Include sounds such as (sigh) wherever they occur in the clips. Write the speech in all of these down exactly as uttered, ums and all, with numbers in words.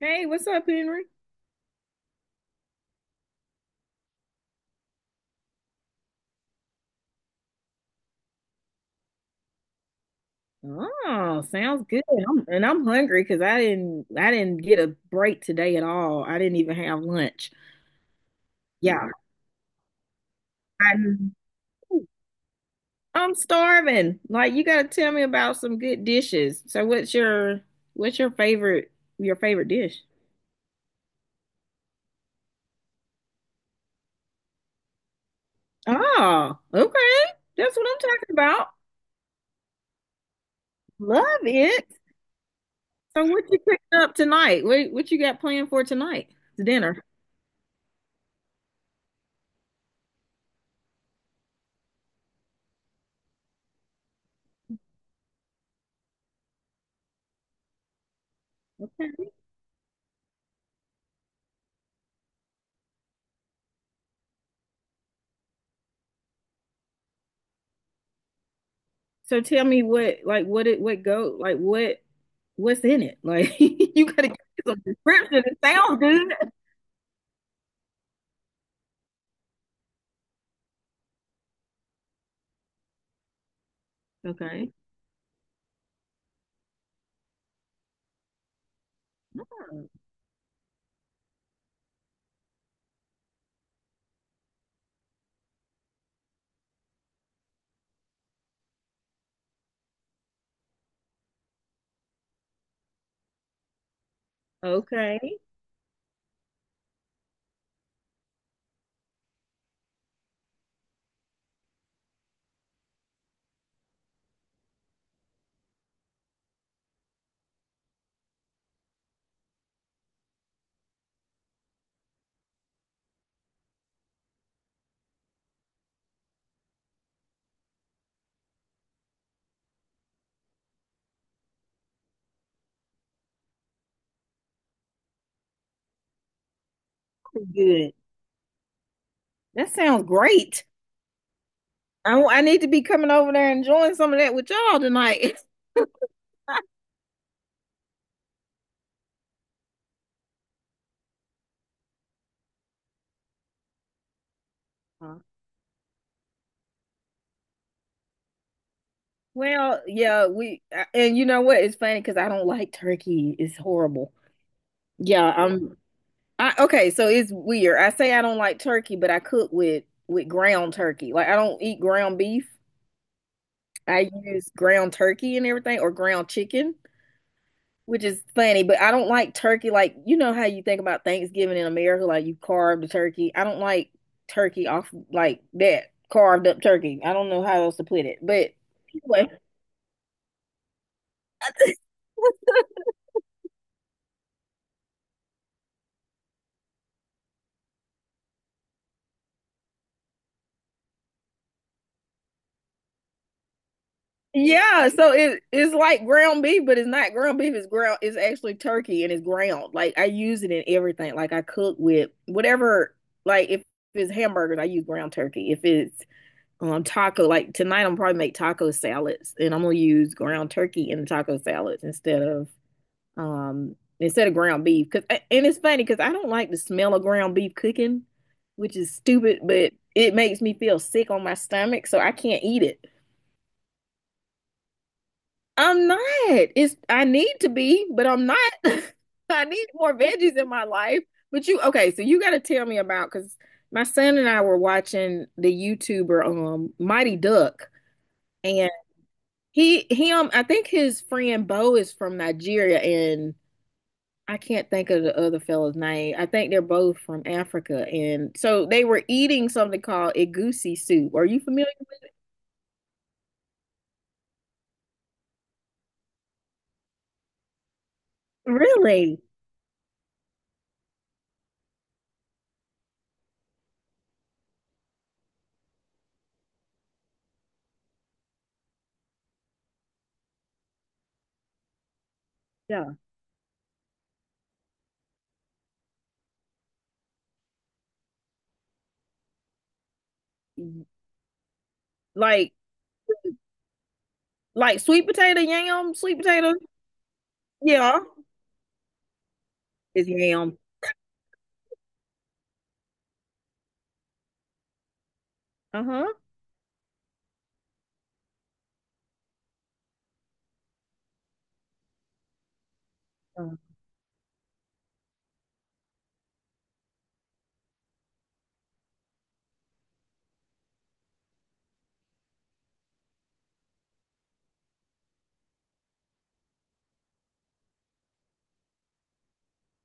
Hey, what's up, Henry? Oh, sounds good. I'm, and I'm hungry because I didn't I didn't get a break today at all. I didn't even have lunch. Yeah, I'm, I'm starving. Like you got to tell me about some good dishes. So what's your what's your favorite your favorite dish? Oh, okay. That's what I'm talking about. Love it. So what you cooking up tonight? What what you got planned for tonight? It's dinner. So tell me what like what it what go like what what's in it? Like (laughs) you gotta give me some description. It sounds good. Okay. Okay. Good. That sounds great. I, I need to be coming over there and enjoying some of that with y'all tonight. (laughs) Huh. Well, yeah, we uh, and you know what? It's funny because I don't like turkey. It's horrible. Yeah, I'm I okay, so it's weird. I say I don't like turkey, but I cook with with ground turkey. Like I don't eat ground beef. I use ground turkey and everything, or ground chicken, which is funny, but I don't like turkey. Like, you know how you think about Thanksgiving in America, like you carve the turkey. I don't like turkey off like that, carved up turkey. I don't know how else to put it, but anyway, yeah. So it it's like ground beef, but it's not ground beef. It's ground. It's actually turkey and it's ground. Like I use it in everything. Like I cook with whatever. Like if it's hamburgers, I use ground turkey. If it's um taco, like tonight I'm probably make taco salads and I'm gonna use ground turkey in the taco salads instead of um instead of ground beef. Cause and it's funny because I don't like the smell of ground beef cooking, which is stupid, but it makes me feel sick on my stomach so I can't eat it. I'm not, it's I need to be but I'm not. (laughs) I need more veggies in my life, but you okay so you gotta tell me about, because my son and I were watching the YouTuber um Mighty Duck. He he um I think his friend Bo is from Nigeria, and I can't think of the other fella's name. I think they're both from Africa, and so they were eating something called egusi soup. Are you familiar? Really? Yeah. Like like sweet potato yam, sweet potato. Yeah. It's yam. Uh-huh. Uh,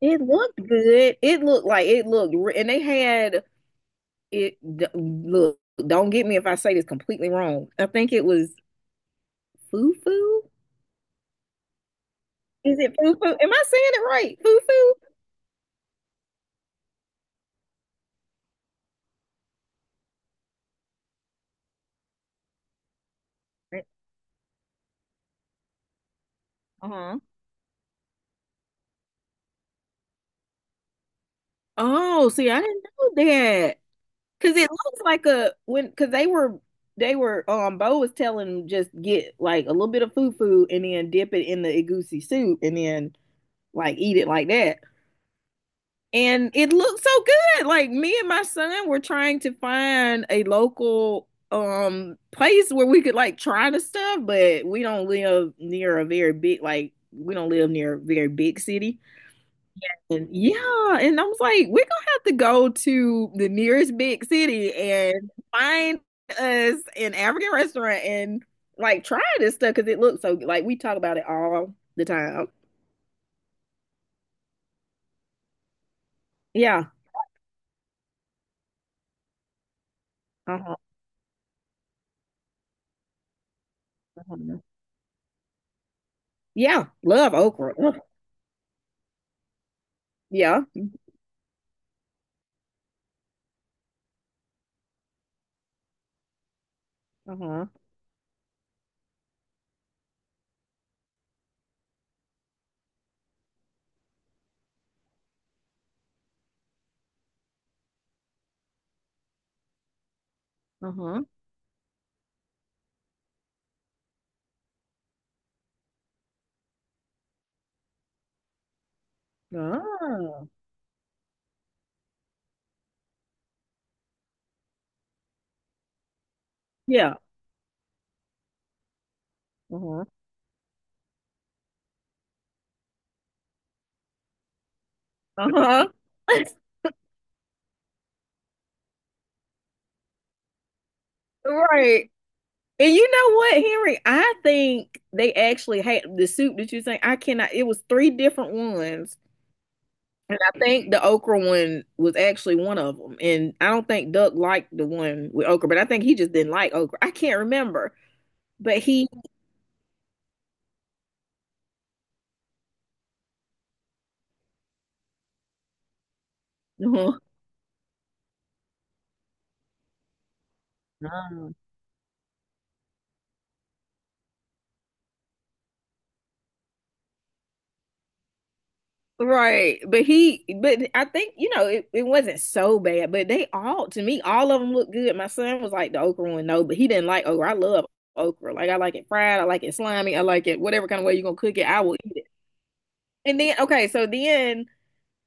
it looked good. It looked like it looked re- and they had it d- look, don't get me if I say this completely wrong. I think it was fufu. Is it foo foo? Am I saying it right? Foo foo? Uh-huh. Oh, see, I didn't know that. Cause it looks like a when cause they were they were um Bo was telling them just get like a little bit of foo foo and then dip it in the egusi soup and then like eat it like that. And it looked so good. Like me and my son were trying to find a local um place where we could like try the stuff, but we don't live near a very big, like we don't live near a very big city. And yeah, and I was like, we're gonna have to go to the nearest big city and find us an African restaurant and like try this stuff because it looks so, like we talk about it all the time. Yeah. Uh-huh. Uh-huh. Yeah. Love okra. Ugh. Yeah. Uh-huh. Uh-huh. Ah. Yeah. Uh-huh. Uh-huh. (laughs) Right. And you know what, Henry? I think they actually had the soup that you think I cannot. It was three different ones. And I think the okra one was actually one of them. And I don't think Duck liked the one with okra, but I think he just didn't like okra. I can't remember. But he, (laughs) mm, right. But he, but I think, you know, it, it wasn't so bad. But they all, to me, all of them looked good. My son was like the okra one, no, but he didn't like okra. I love okra. Like, I like it fried. I like it slimy. I like it whatever kind of way you're going to cook it. I will eat it. And then, okay, so then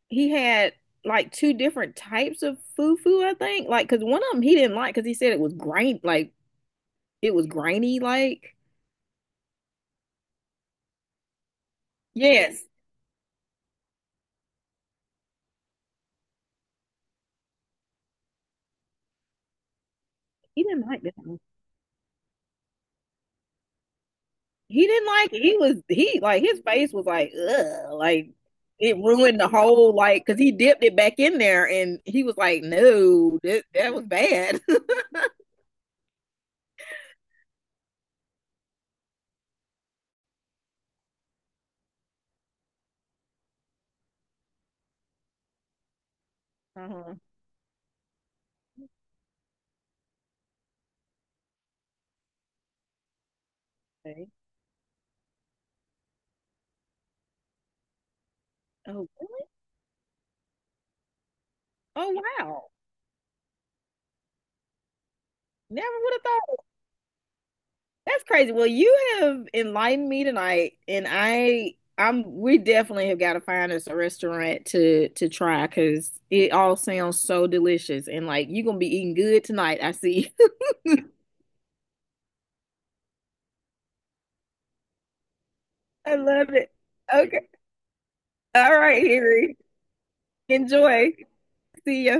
he had like two different types of fufu, I think. Like, cause one of them he didn't like because he said it was grain, like it was grainy. Like, yes, he didn't like that one. He didn't like it. He was he like his face was like ugh, like it ruined the whole, like because he dipped it back in there and he was like, no, that that was bad. (laughs) Uh-huh. Okay. Oh, oh wow! Never would have thought. That's crazy. Well, you have enlightened me tonight, and I, I'm, we definitely have got to find us a restaurant to to try because it all sounds so delicious, and like you're gonna be eating good tonight. I see. (laughs) I love it. Okay. All right, Henry. Enjoy. See ya.